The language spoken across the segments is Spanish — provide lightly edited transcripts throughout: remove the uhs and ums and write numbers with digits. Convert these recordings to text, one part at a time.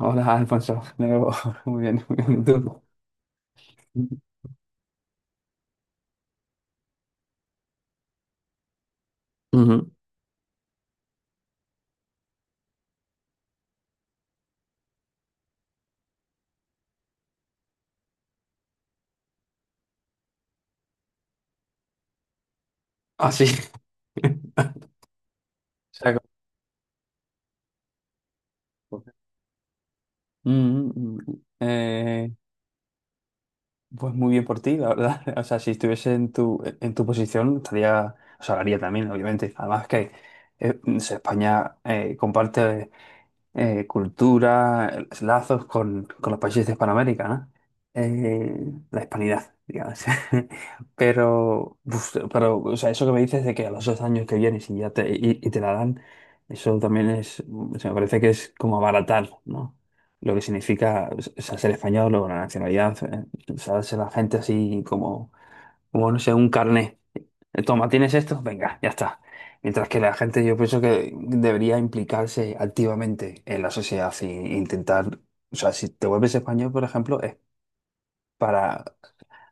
Hola, Alfonso. De nuevo. Muy bien, muy bien. ¿Tú? Ujú. Ah, sí. O sea, como- Mm, mm, eh, pues muy bien por ti, la verdad. O sea, si estuviese en tu posición, estaría, o sea, lo haría también, obviamente. Además que no sé, España comparte cultura, lazos con los países de Hispanoamérica, ¿no? Eh, la hispanidad, digamos. Pero, uf, o sea, eso que me dices de que a los 2 años que vienes y ya te, y te la dan, eso también es, o sea, me parece que es como abaratar, ¿no? Lo que significa, o sea, ser español o la nacionalidad, o sea, ser la gente así como, no sé, un carné. Toma, ¿tienes esto? Venga, ya está. Mientras que la gente, yo pienso que debería implicarse activamente en la sociedad e intentar, o sea, si te vuelves español, por ejemplo, es para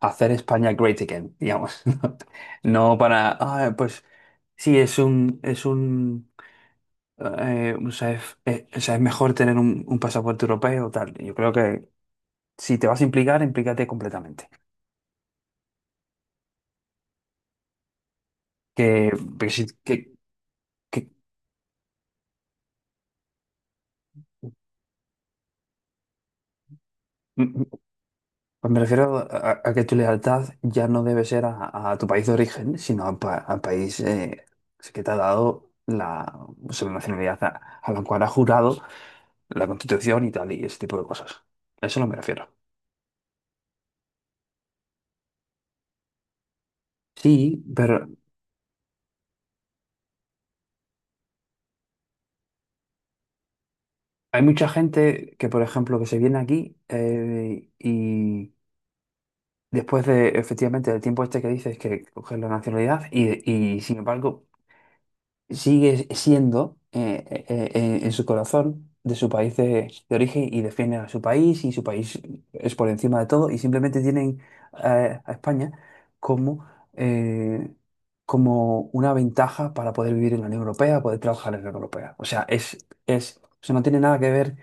hacer España great again, digamos. No, no, para, "Ah, pues sí, es un, o sea, es mejor tener un pasaporte europeo o tal. Yo creo que si te vas a implicar, implícate completamente. Que, porque si- que- Pues me refiero a que tu lealtad ya no debe ser a tu país de origen, sino al país que te ha dado o sea, la nacionalidad a la cual ha jurado la Constitución y tal, y ese tipo de cosas. A eso no me refiero. Sí, pero hay mucha gente que, por ejemplo, que se viene aquí y después de, efectivamente, del tiempo este que dices que coges la nacionalidad y, sin embargo, sigue siendo en su corazón de su país de origen y defiende a su país y su país es por encima de todo y simplemente tienen a España como, eh, como una ventaja para poder vivir en la Unión Europea, poder trabajar en la Unión Europea. O sea, es, o sea, no tiene nada que ver,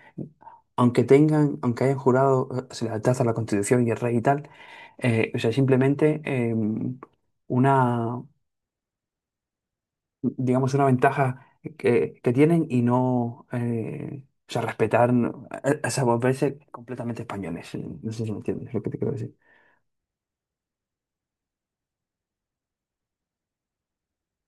aunque tengan, aunque hayan jurado su lealtad a la Constitución y el rey y tal, o sea, simplemente, una, digamos, una ventaja que tienen y no, o sea, respetar, o sea, volverse completamente españoles. No sé si me entiendes lo que te quiero decir.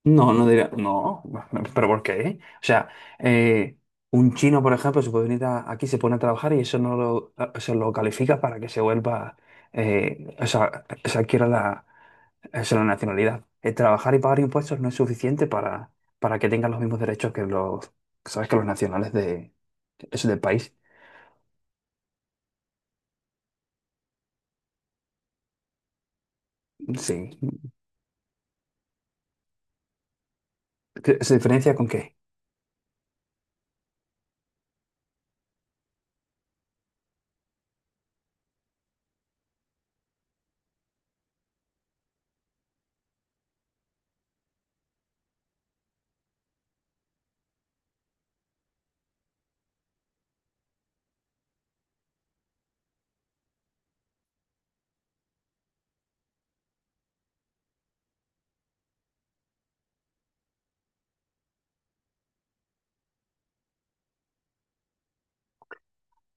No, no diría, no, pero ¿por qué? O sea, eh, un chino, por ejemplo, se puede venir aquí, se pone a trabajar y eso no lo, se lo califica para que se vuelva, o sea, se adquiera la, eso es la nacionalidad. El trabajar y pagar impuestos no es suficiente para que tengan los mismos derechos que los, ¿sabes? Que los nacionales de, eso del país. Sí. ¿Se diferencia con qué?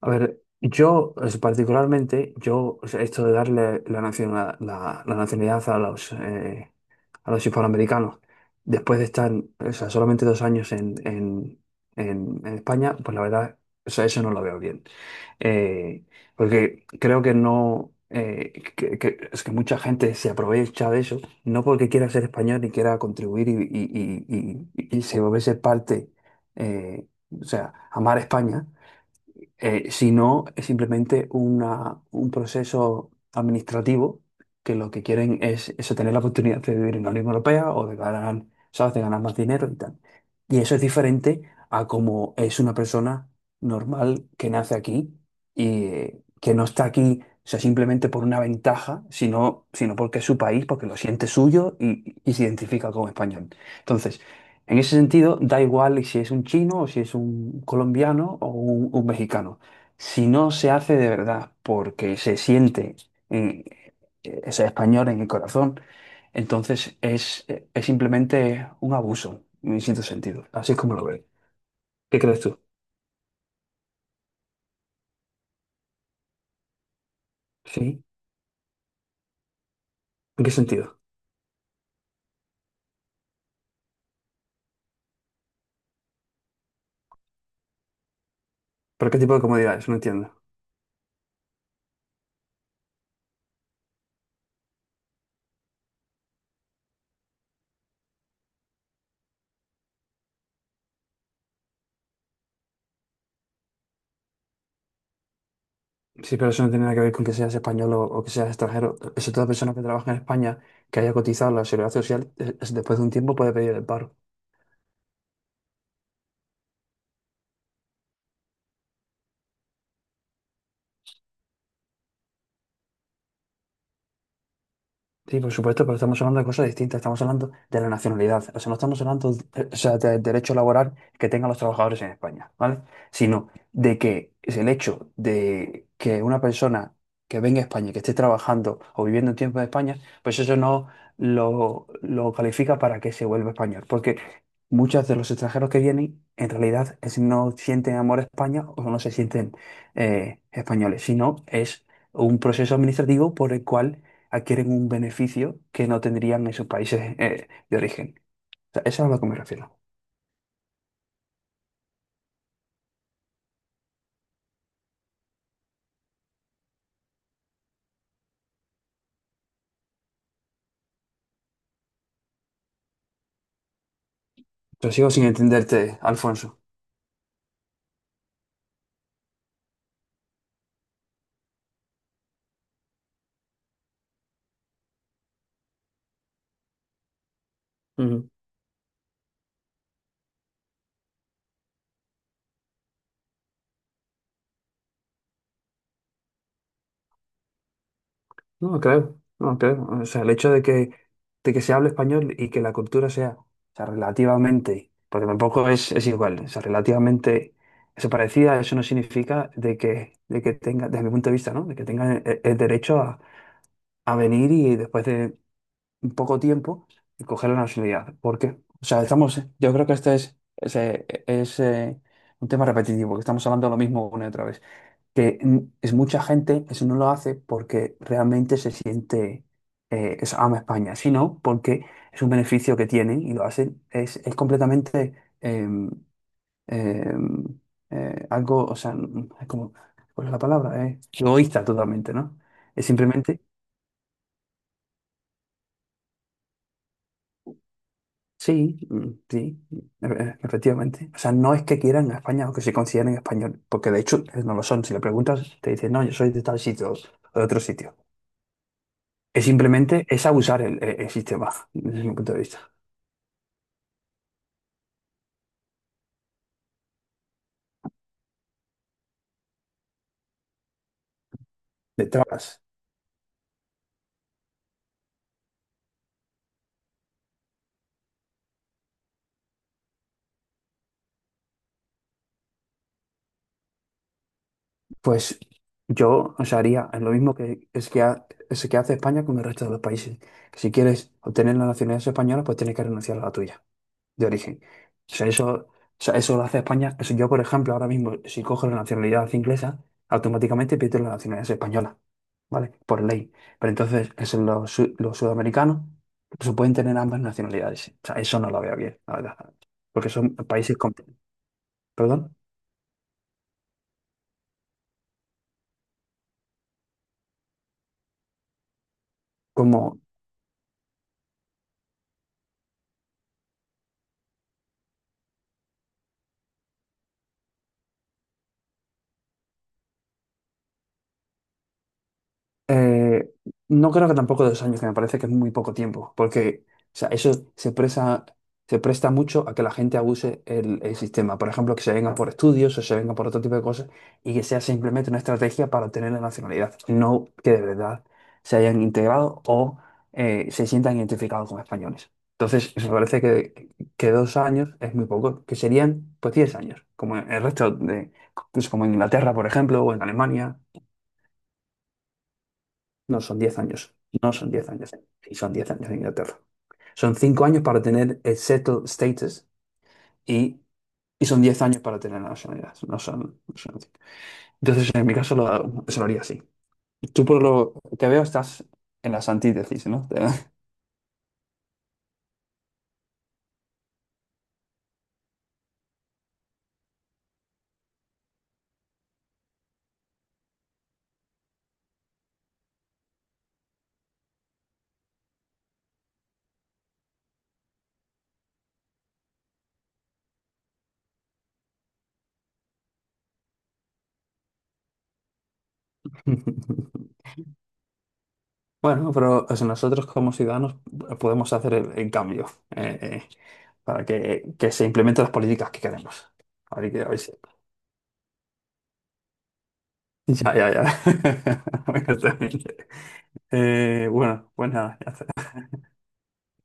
A ver, yo particularmente, yo, o sea, esto de darle la nacionalidad, la nacionalidad a los hispanoamericanos, después de estar, o sea, solamente 2 años en- España, pues la verdad, o sea, eso no lo veo bien. Eh, Porque creo que no, es que mucha gente se aprovecha de eso, no porque quiera ser español y quiera contribuir y se volverse parte, eh, o sea, amar España si no, es simplemente una, un proceso administrativo que lo que quieren es eso, tener la oportunidad de vivir en la Unión Europea o de ganar, ¿sabes? De ganar más dinero y tal. Y eso es diferente a como es una persona normal que nace aquí y que no está aquí, o sea, simplemente por una ventaja, sino, porque es su país, porque lo siente suyo y se identifica como español. Entonces, en ese sentido, da igual si es un chino o si es un colombiano o un mexicano. Si no se hace de verdad porque se siente eh, ese español en el corazón, entonces es simplemente un abuso en cierto sentido. Así es como lo veo. ¿Qué crees tú? ¿Sí? ¿En qué sentido? ¿Pero qué tipo de comodidades? No entiendo. Sí, pero eso no tiene nada que ver con que seas español o que seas extranjero. Eso toda persona que trabaja en España, que haya cotizado en la seguridad social, después de un tiempo puede pedir el paro. Sí, por supuesto, pero estamos hablando de cosas distintas. Estamos hablando de la nacionalidad. O sea, no estamos hablando, o sea, del derecho laboral que tengan los trabajadores en España, ¿vale? Sino de que es el hecho de que una persona que venga a España, que esté trabajando o viviendo un tiempo en España, pues eso no lo califica para que se vuelva español. Porque muchos de los extranjeros que vienen, en realidad, no sienten amor a España o no se sienten españoles, sino es un proceso administrativo por el cual adquieren un beneficio que no tendrían en sus países de origen. O sea, eso es a lo que me refiero. Pero sigo sin entenderte, Alfonso. Ujú. No lo creo, no lo creo. O sea, el hecho de que, se hable español y que la cultura sea, o sea, relativamente, porque tampoco es igual, o sea, relativamente eso parecida, eso no significa de que, tenga, desde mi punto de vista, ¿no? De que tenga el derecho a, venir y después de, poco tiempo y coger la nacionalidad. ¿Por qué? O sea, estamos, yo creo que este un tema repetitivo, que estamos hablando de lo mismo una y otra vez. Que es mucha gente, eso no lo hace porque realmente se siente, ama España, sino porque es un beneficio que tienen y lo hacen, es completamente em, em, algo, o sea, es como, ¿cuál es la palabra? Egoísta totalmente, ¿no? Es simplemente. Sí, mm, sí, efectivamente. O sea, no es que quieran a España o que se consideren español, porque de hecho no lo son. Si le preguntas, te dicen, no, yo soy de tal sitio o de otro sitio. Es simplemente, es abusar el, el sistema, desde mi punto de vista. De trabas. Pues yo, o sea, haría lo mismo que, es que, es que hace España con el resto de los países. Si quieres obtener la nacionalidad española, pues tienes que renunciar a la tuya de origen. O sea, eso lo hace España. O sea, yo, por ejemplo, ahora mismo, si cojo la nacionalidad inglesa, automáticamente pierdo la nacionalidad española, ¿vale? Por ley. Pero entonces, eso, los sudamericanos pues pueden tener ambas nacionalidades. O sea, eso no lo veo bien, la verdad. Porque son países, perdón, como, Eh, no creo que tampoco 2 años, que me parece que es muy poco tiempo, porque o sea, se presta mucho a que la gente abuse el sistema. Por ejemplo, que se venga por estudios o se venga por otro tipo de cosas y que sea simplemente una estrategia para obtener la nacionalidad, no que de verdad se hayan integrado o se sientan identificados como españoles. Entonces, me parece que 2 años es muy poco, que serían pues 10 años, como en el resto de, pues, como en Inglaterra, por ejemplo, o en Alemania. No son 10 años. No son 10 años. Sí, son 10 años en Inglaterra. Son 5 años para tener el settled status y, y son 10 años para tener la nacionalidad. No son, no son- Entonces, en mi caso, se lo haría así. Tú, por lo que veo, estás en las antítesis, ¿no? Bueno, pero o sea, nosotros como ciudadanos podemos hacer el cambio eh, eh, para que se implementen las políticas que queremos. Así que, a ver Ya, ya, ya. Bueno, terrible. Bueno, pues nada, ya está.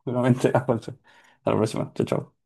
Seguramente, Alfonso. Hasta la próxima. Chao, chao.